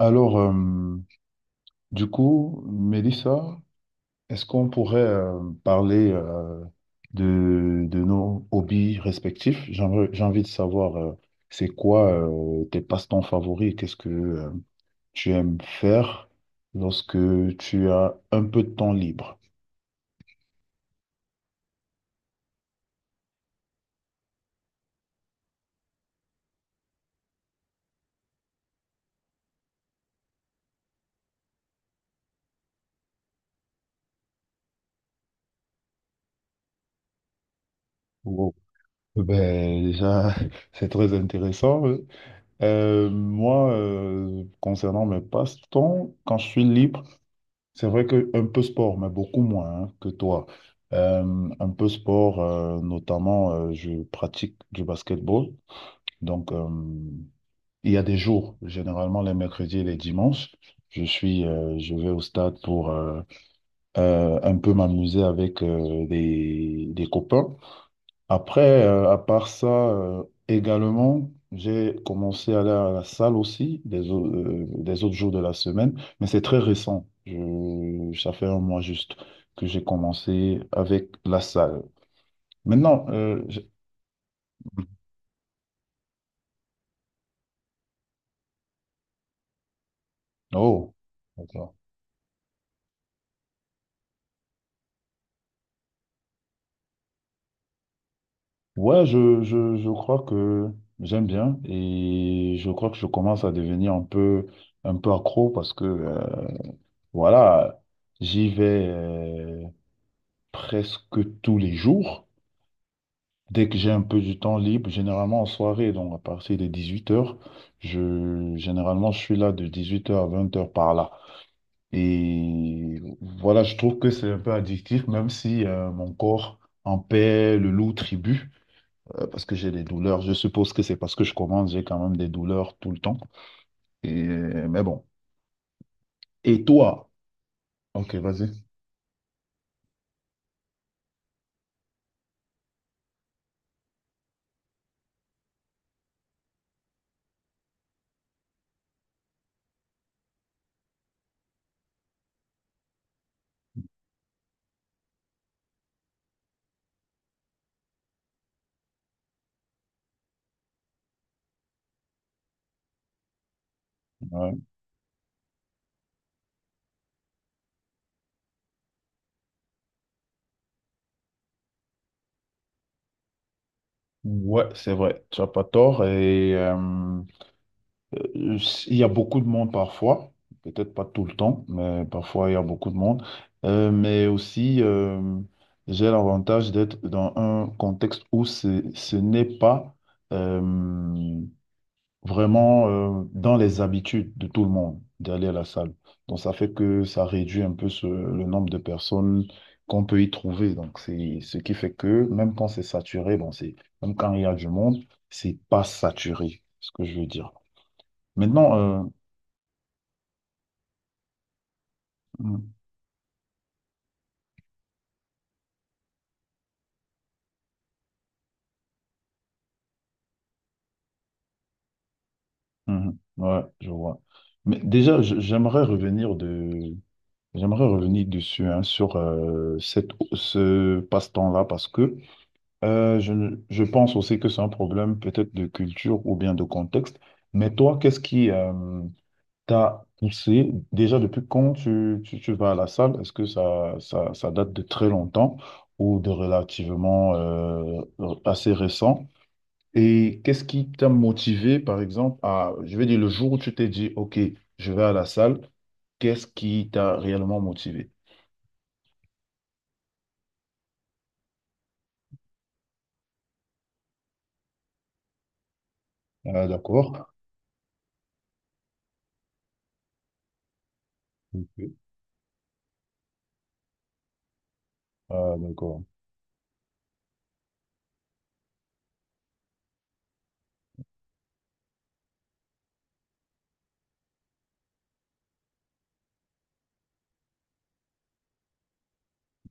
Alors, euh, du coup, Mélissa, est-ce qu'on pourrait parler de nos hobbies respectifs? J'ai envie de savoir, c'est quoi tes passe-temps favoris? Qu'est-ce que tu aimes faire lorsque tu as un peu de temps libre? Wow. Ben, déjà, c'est très intéressant. Moi, concernant mes passe-temps, quand je suis libre, c'est vrai que un peu sport, mais beaucoup moins hein, que toi. Un peu sport, notamment, je pratique du basketball. Donc, euh, il y a des jours, généralement les mercredis et les dimanches, je vais au stade pour un peu m'amuser avec des copains. Après, à part ça, également, j'ai commencé à aller à la salle aussi des autres jours de la semaine, mais c'est très récent. Ça fait un mois juste que j'ai commencé avec la salle. Maintenant, euh, je- oh, d'accord. Ouais, je crois que j'aime bien et je crois que je commence à devenir un peu accro parce que, voilà, j'y vais presque tous les jours. Dès que j'ai un peu du temps libre, généralement en soirée, donc à partir de 18 heures, généralement je suis là de 18 heures à 20 heures par là. Et voilà, je trouve que c'est un peu addictif, même si mon corps en paie le lourd tribut, parce que j'ai des douleurs. Je suppose que c'est parce que je commence, j'ai quand même des douleurs tout le temps. Et, mais bon. Et toi? Ok, vas-y. Ouais. Ouais, c'est vrai, tu n'as pas tort. Euh, Il y a beaucoup de monde parfois, peut-être pas tout le temps, mais parfois il y a beaucoup de monde. Mais aussi, j'ai l'avantage d'être dans un contexte où ce n'est pas euh, vraiment dans les habitudes de tout le monde d'aller à la salle. Donc ça fait que ça réduit un peu le nombre de personnes qu'on peut y trouver. Donc c'est ce qui fait que même quand c'est saturé, même quand il y a du monde, c'est pas saturé, ce que je veux dire. Maintenant, euh, Mm. Mhm. Ouais, je vois. Mais déjà, je- j'aimerais revenir de, J'aimerais revenir dessus hein, sur ce passe-temps-là parce que je, ne- je pense aussi que c'est un problème peut-être de culture ou bien de contexte. Mais toi, qu'est-ce qui t'a poussé déjà depuis quand tu vas à la salle? Est-ce que ça date de très longtemps ou de relativement assez récent? Et qu'est-ce qui t'a motivé, par exemple, à, je vais dire, le jour où tu t'es dit, OK, je vais à la salle, qu'est-ce qui t'a réellement motivé? Ah, d'accord. Ok. Ah, d'accord.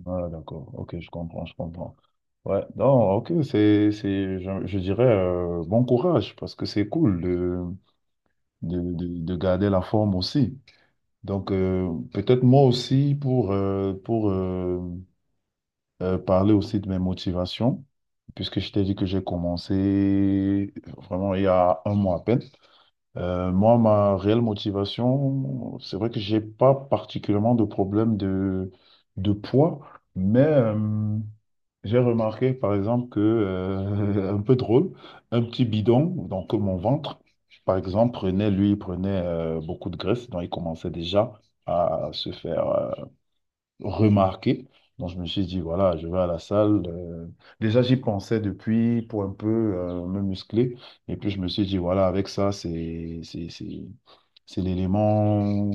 Ah, d'accord. OK, je comprends, je comprends. Ouais, non, OK, je dirais, bon courage, parce que c'est cool de garder la forme aussi. Donc, peut-être moi aussi, pour parler aussi de mes motivations, puisque je t'ai dit que j'ai commencé vraiment il y a un mois à peine. Moi, ma réelle motivation, c'est vrai que j'ai pas particulièrement de problème de poids, mais j'ai remarqué, par exemple, un peu drôle, un petit bidon, donc mon ventre, par exemple, prenait, lui, il prenait beaucoup de graisse, donc il commençait déjà à se faire. Remarqué. Donc, je me suis dit, voilà, je vais à la salle. Déjà, j'y pensais depuis pour un peu me muscler. Et puis, je me suis dit, voilà, avec ça, c'est l'élément,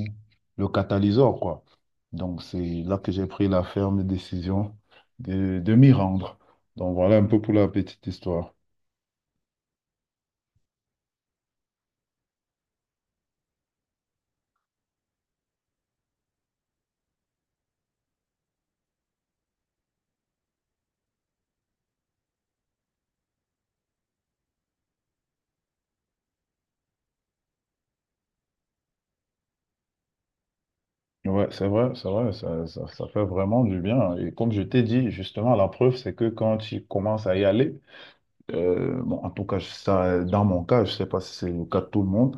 le catalyseur, quoi. Donc, c'est là que j'ai pris la ferme décision de m'y rendre. Donc, voilà un peu pour la petite histoire. Ouais, c'est vrai, ça fait vraiment du bien. Et comme je t'ai dit, justement, la preuve, c'est que quand tu commences à y aller, bon, en tout cas, ça, dans mon cas, je ne sais pas si c'est le cas de tout le monde,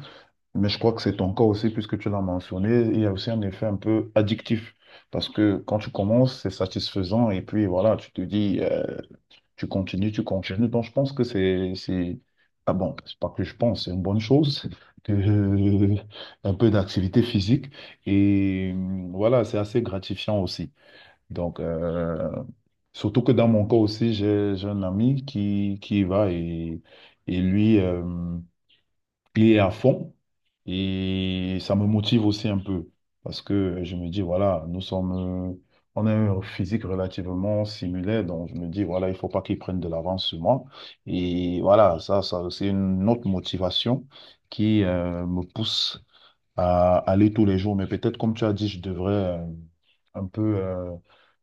mais je crois que c'est ton cas aussi, puisque tu l'as mentionné, il y a aussi un effet un peu addictif, parce que quand tu commences, c'est satisfaisant, et puis voilà, tu te dis, tu continues, tu continues. Donc, je pense que ah bon, c'est pas que je pense, c'est une bonne chose, de- un peu d'activité physique, et voilà, c'est assez gratifiant aussi. Donc, euh, Surtout que dans mon cas aussi, j'ai un ami qui y va et lui, il est à fond. Et ça me motive aussi un peu. Parce que je me dis, voilà, nous sommes, euh, on a un physique relativement similaire. Donc, je me dis, voilà, il faut pas qu'il prenne de l'avance sur moi. Et voilà, c'est une autre motivation qui, me pousse à aller tous les jours. Mais peut-être, comme tu as dit, je devrais, un peu.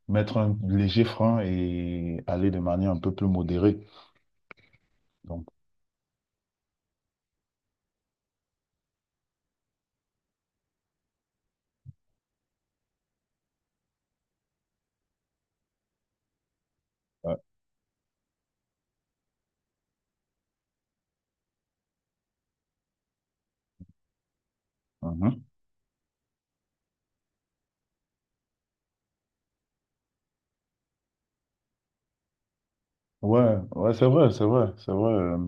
Mettre un léger frein et aller de manière un peu plus modérée. Donc, ouais, mhm. Ouais, c'est vrai, c'est vrai, c'est vrai.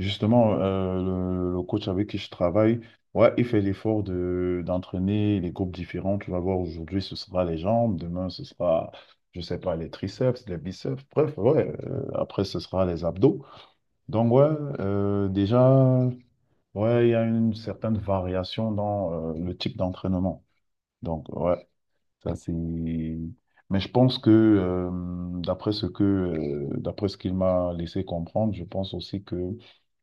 Justement, le coach avec qui je travaille, ouais, il fait l'effort de d'entraîner les groupes différents. Tu vas voir, aujourd'hui, ce sera les jambes, demain, ce sera, je sais pas, les triceps, les biceps, bref, ouais, après, ce sera les abdos. Donc, ouais, déjà, ouais, il y a une certaine variation dans le type d'entraînement. Donc, ouais. Ça, c'est... Mais je pense que, d'après ce qu'il m'a laissé comprendre, je pense aussi que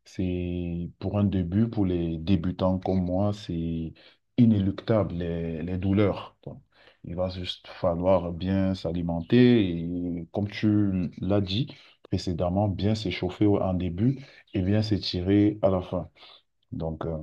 c'est pour un début, pour les débutants comme moi, c'est inéluctable, les douleurs. Quoi. Il va juste falloir bien s'alimenter et, comme tu l'as dit précédemment, bien s'échauffer en début et bien s'étirer à la fin. Donc, euh,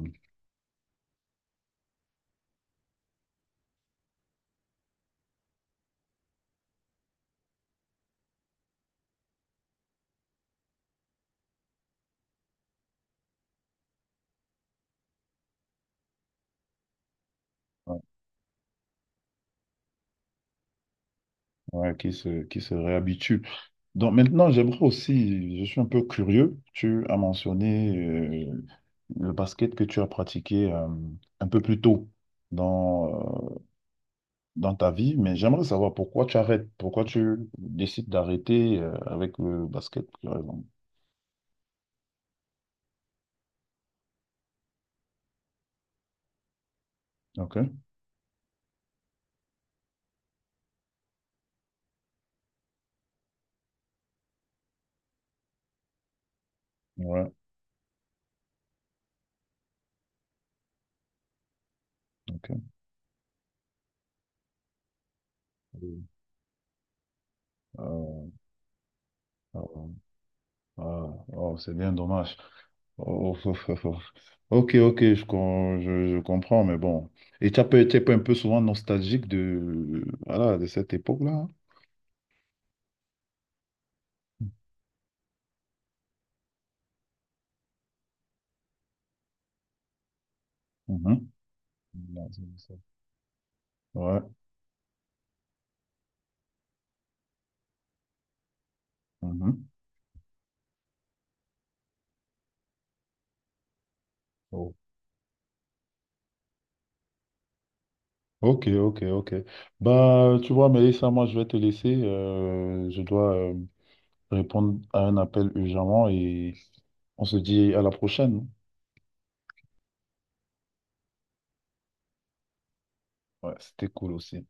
ouais, qui se réhabituent. Donc maintenant, j'aimerais aussi, je suis un peu curieux, tu as mentionné le basket que tu as pratiqué un peu plus tôt dans, euh, dans ta vie, mais j'aimerais savoir pourquoi tu arrêtes, pourquoi tu décides d'arrêter avec le basket, par exemple. Ok, ouais, ok. Euh, euh, euh, euh, oh, c'est bien dommage. Oh, oh, oh, oh. Ok, ok, je comprends, mais bon. Et tu as pas été un peu souvent nostalgique de, voilà, de cette époque-là. Hein Mhm. Non, c'est ça. Ouais. Mhm. Oh. Ok, ok, ok. Bah, tu vois, Mélissa, moi, je vais te laisser. Je dois répondre à un appel urgemment et on se dit à la prochaine. Ouais, c'était cool aussi.